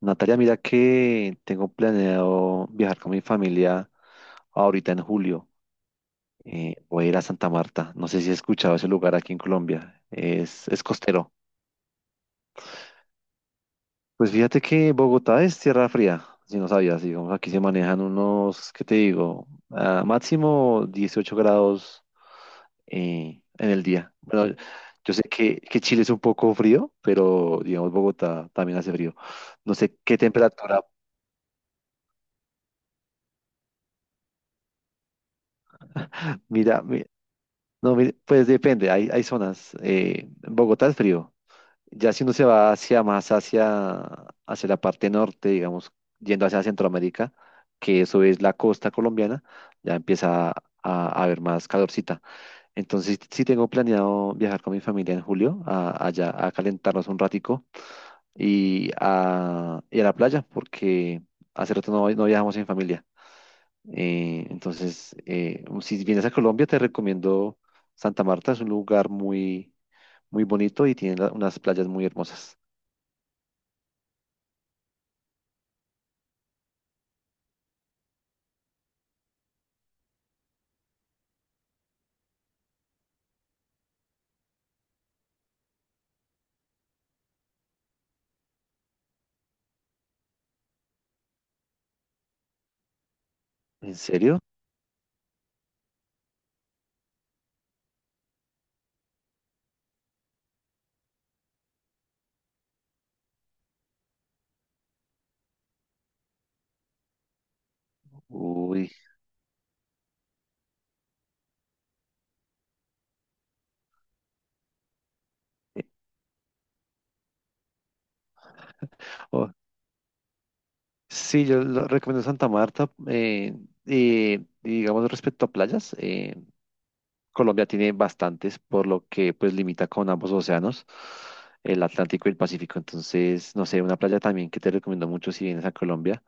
Natalia, mira que tengo planeado viajar con mi familia ahorita en julio. Voy a ir a Santa Marta. No sé si has escuchado ese lugar aquí en Colombia. Es costero. Pues fíjate que Bogotá es tierra fría, si no sabías. Digamos, aquí se manejan unos, ¿qué te digo? Ah, máximo 18 grados en el día. Bueno, yo sé que Chile es un poco frío, pero digamos Bogotá también hace frío. No sé qué temperatura. Mira, mi- No, mire, pues depende, hay zonas. Bogotá es frío. Ya si uno se va hacia hacia la parte norte, digamos, yendo hacia Centroamérica, que eso es la costa colombiana, ya empieza a haber más calorcita. Entonces sí tengo planeado viajar con mi familia en julio allá a calentarnos un ratico y a la playa, porque hace rato no viajamos en familia. Entonces, si vienes a Colombia, te recomiendo Santa Marta. Es un lugar muy bonito y tiene unas playas muy hermosas. ¿En serio? Uy. eh, oh, sí, yo lo recomiendo Santa Marta. Y digamos, respecto a playas, Colombia tiene bastantes, por lo que pues limita con ambos océanos, el Atlántico y el Pacífico. Entonces, no sé, una playa también que te recomiendo mucho si vienes a Colombia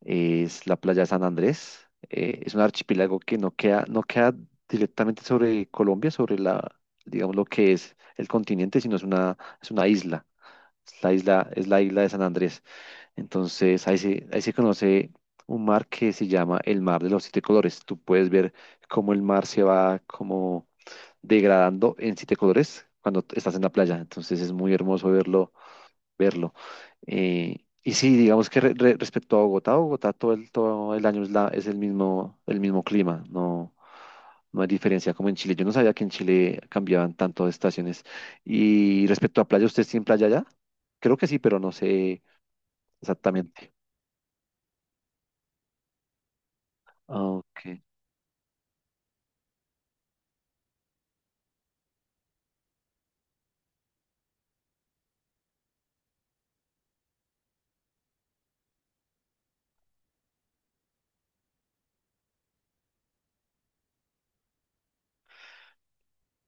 es la playa de San Andrés. Es un archipiélago que no queda directamente sobre Colombia, sobre digamos, lo que es el continente, sino es es una isla. Es la isla de San Andrés. Entonces, ahí se conoce un mar que se llama el Mar de los Siete Colores. Tú puedes ver cómo el mar se va como degradando en siete colores cuando estás en la playa. Entonces, es muy hermoso verlo. Y sí, digamos que respecto a Bogotá, Bogotá todo el año es el mismo clima, no hay diferencia como en Chile. Yo no sabía que en Chile cambiaban tanto de estaciones. Y respecto a playa, ¿usted tiene playa allá? Creo que sí, pero no sé exactamente. Ah, ok.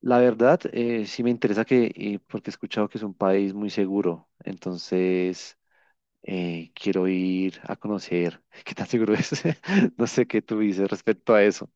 La verdad, sí me interesa, porque he escuchado que es un país muy seguro, entonces quiero ir a conocer qué tan seguro es. No sé qué tú dices respecto a eso.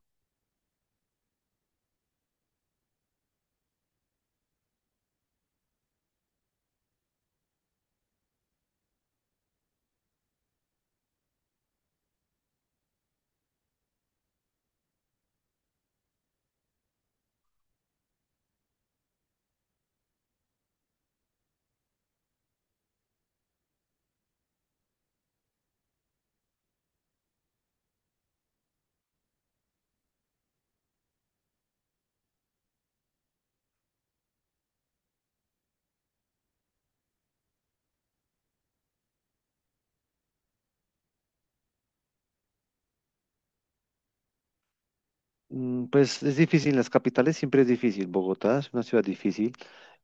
Mm, pues es difícil, en las capitales siempre es difícil. Bogotá es una ciudad difícil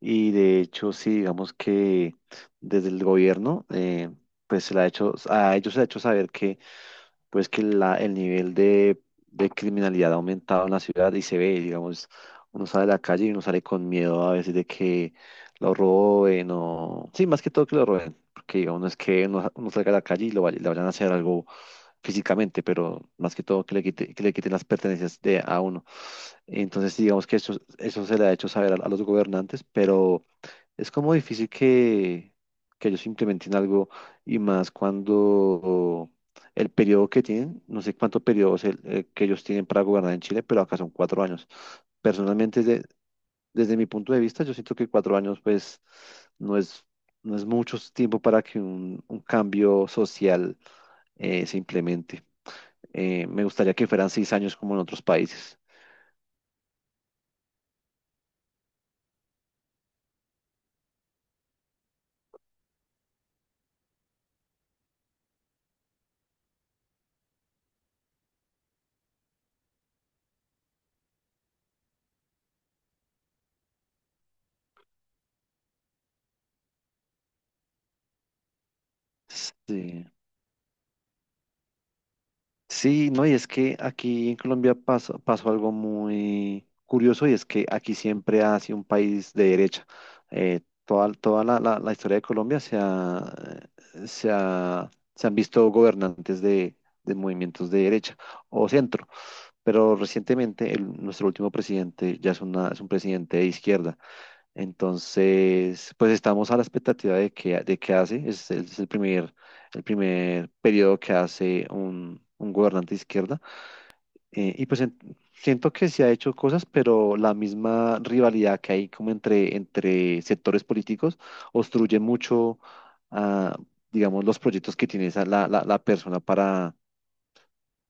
y de hecho sí, digamos que desde el gobierno pues se le ha hecho, a ellos se le ha hecho saber que pues que el nivel de criminalidad ha aumentado en la ciudad y se ve, digamos, uno sale a la calle y uno sale con miedo a veces de que lo roben o... Sí, más que todo que lo roben. Porque digamos, no es que uno salga a la calle y le vayan a hacer algo físicamente, pero más que todo que le quiten las pertenencias de a uno. Entonces, digamos que eso se le ha hecho saber a los gobernantes, pero es como difícil que ellos implementen algo y más cuando el periodo que tienen, no sé cuántos periodos que ellos tienen para gobernar en Chile, pero acá son cuatro años. Personalmente, desde mi punto de vista, yo siento que cuatro años, pues, no es, no es mucho tiempo para que un cambio social se implemente. Me gustaría que fueran seis años como en otros países. Sí. Sí, no, y es que aquí en Colombia pasó algo muy curioso y es que aquí siempre ha sido un país de derecha. Toda la historia de Colombia se han visto gobernantes de movimientos de derecha o centro, pero recientemente nuestro último presidente ya es un presidente de izquierda. Entonces, pues estamos a la expectativa de qué hace. Es el primer periodo que hace un gobernante de izquierda. Y pues siento que se ha hecho cosas, pero la misma rivalidad que hay como entre sectores políticos obstruye mucho, ah, digamos, los proyectos que tiene la persona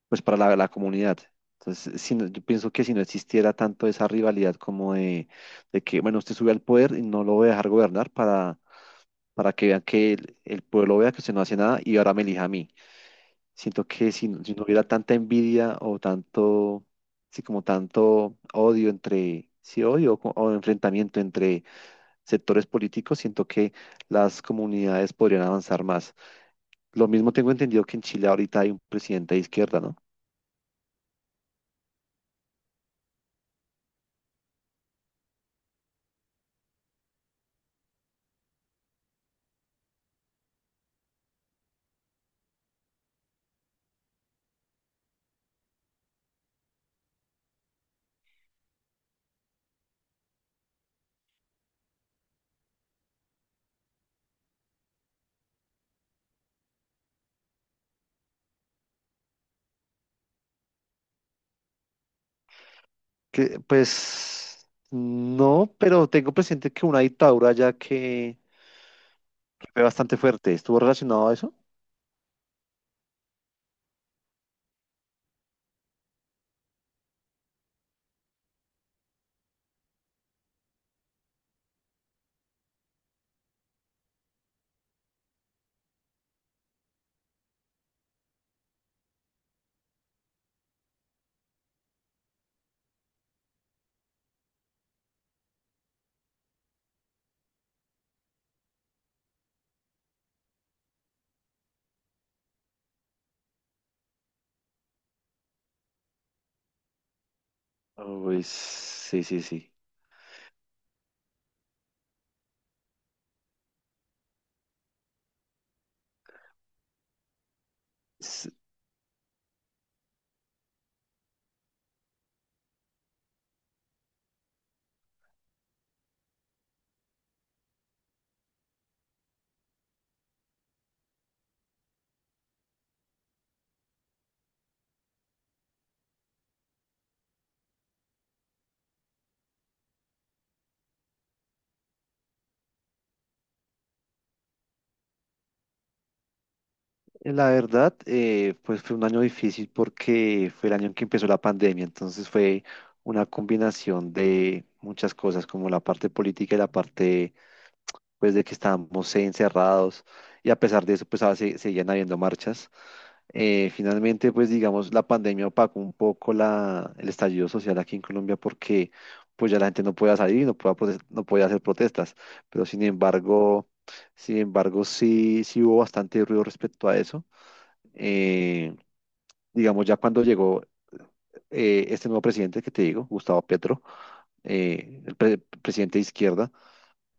pues para la comunidad. Entonces, yo pienso que si no existiera tanto esa rivalidad como de que, bueno, usted sube al poder y no lo voy a dejar gobernar para que vean que el pueblo vea que usted no hace nada y ahora me elija a mí. Siento que si no hubiera tanta envidia o tanto, sí, como tanto odio entre, sí, odio o enfrentamiento entre sectores políticos, siento que las comunidades podrían avanzar más. Lo mismo tengo entendido que en Chile ahorita hay un presidente de izquierda, ¿no? Que, pues no, pero tengo presente que una dictadura ya que fue bastante fuerte. ¿Estuvo relacionado a eso? Uy, sí, sí, sí. S- La verdad, pues fue un año difícil porque fue el año en que empezó la pandemia, entonces fue una combinación de muchas cosas, como la parte política y la parte, pues, de que estábamos encerrados y a pesar de eso, pues, seguían habiendo marchas. Finalmente, pues digamos, la pandemia opacó un poco el estallido social aquí en Colombia porque pues ya la gente no podía salir, no podía hacer protestas, pero sin embargo, sí, sí hubo bastante ruido respecto a eso. Eh, digamos, ya cuando llegó este nuevo presidente que te digo, Gustavo Petro, presidente de izquierda,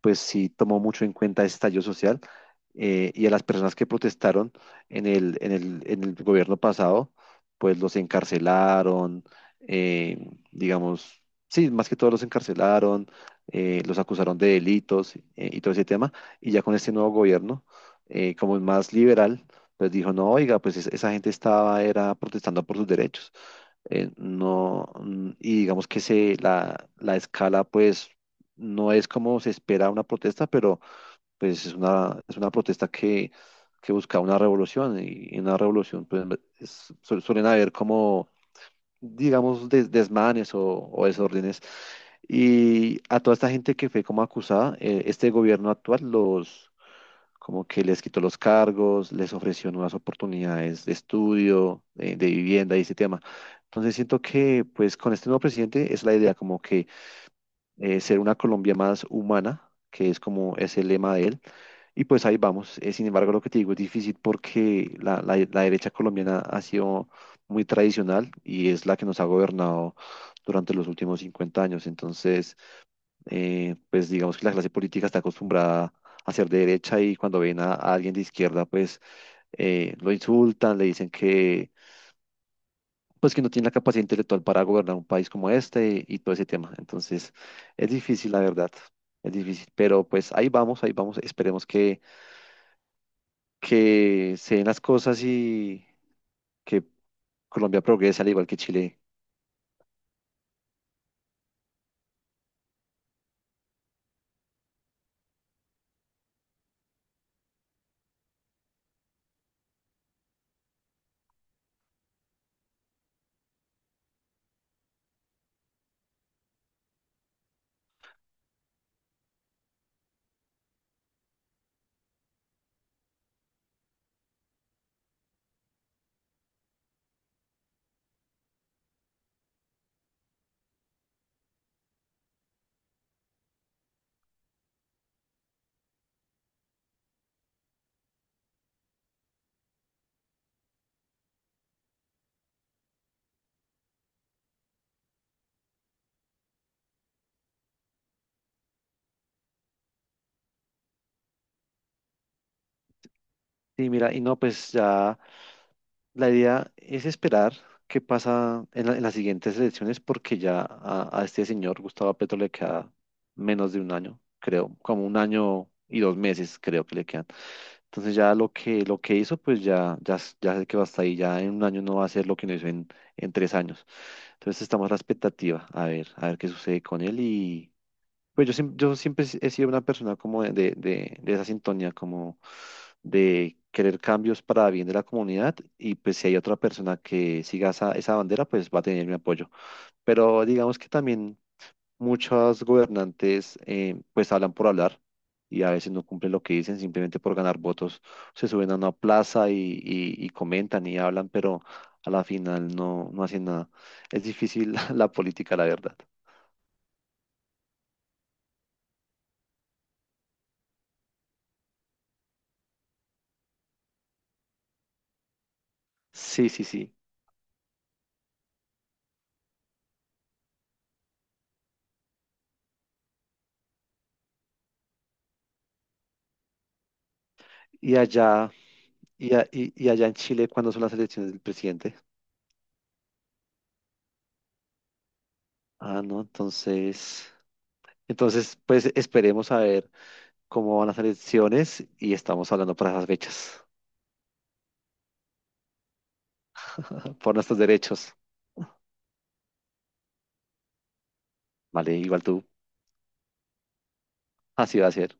pues sí tomó mucho en cuenta ese estallido social y a las personas que protestaron en en el gobierno pasado, pues los encarcelaron, digamos, sí, más que todo los encarcelaron, los acusaron de delitos y todo ese tema, y ya con este nuevo gobierno, como es más liberal, pues dijo, no, oiga, pues esa gente estaba, era protestando por sus derechos no, y digamos que la escala pues no es como se espera una protesta, pero pues es es una protesta que busca una revolución y en una revolución pues suelen haber como, digamos, desmanes o desórdenes. Y a toda esta gente que fue como acusada, este gobierno actual los como que les quitó los cargos, les ofreció nuevas oportunidades de estudio, vivienda y ese tema. Entonces siento que pues con este nuevo presidente es la idea como que ser una Colombia más humana, que es como es el lema de él. Y pues ahí vamos. Sin embargo, lo que te digo es difícil porque la derecha colombiana ha sido muy tradicional y es la que nos ha gobernado durante los últimos 50 años. Entonces, pues digamos que la clase política está acostumbrada a ser de derecha y cuando ven a alguien de izquierda, pues lo insultan, le dicen que, pues que no tiene la capacidad intelectual para gobernar un país como este y, todo ese tema. Entonces, es difícil, la verdad, es difícil, pero pues ahí vamos, esperemos que se den las cosas y que Colombia progrese al igual que Chile. Sí, mira, y no, pues ya la idea es esperar qué pasa en las siguientes elecciones porque ya a este señor Gustavo Petro le queda menos de un año, creo, como un año y dos meses creo que le quedan. Entonces ya lo que hizo, pues ya sé que va hasta ahí, ya en un año no va a hacer lo que no hizo en tres años. Entonces estamos a la expectativa, a ver qué sucede con él. Pues yo, yo siempre he sido una persona como de esa sintonía, como de querer cambios para bien de la comunidad y pues si hay otra persona que siga esa bandera, pues va a tener mi apoyo. Pero digamos que también muchos gobernantes pues hablan por hablar y a veces no cumplen lo que dicen simplemente por ganar votos. Se suben a una plaza y comentan y hablan, pero a la final no hacen nada. Es difícil la política, la verdad. Sí, sí, sí. ¿Y allá... y allá en Chile, cuándo son las elecciones del presidente? Ah, no, entonces, pues esperemos a ver cómo van las elecciones y estamos hablando para esas fechas, por nuestros derechos. Vale, igual tú, así va a ser.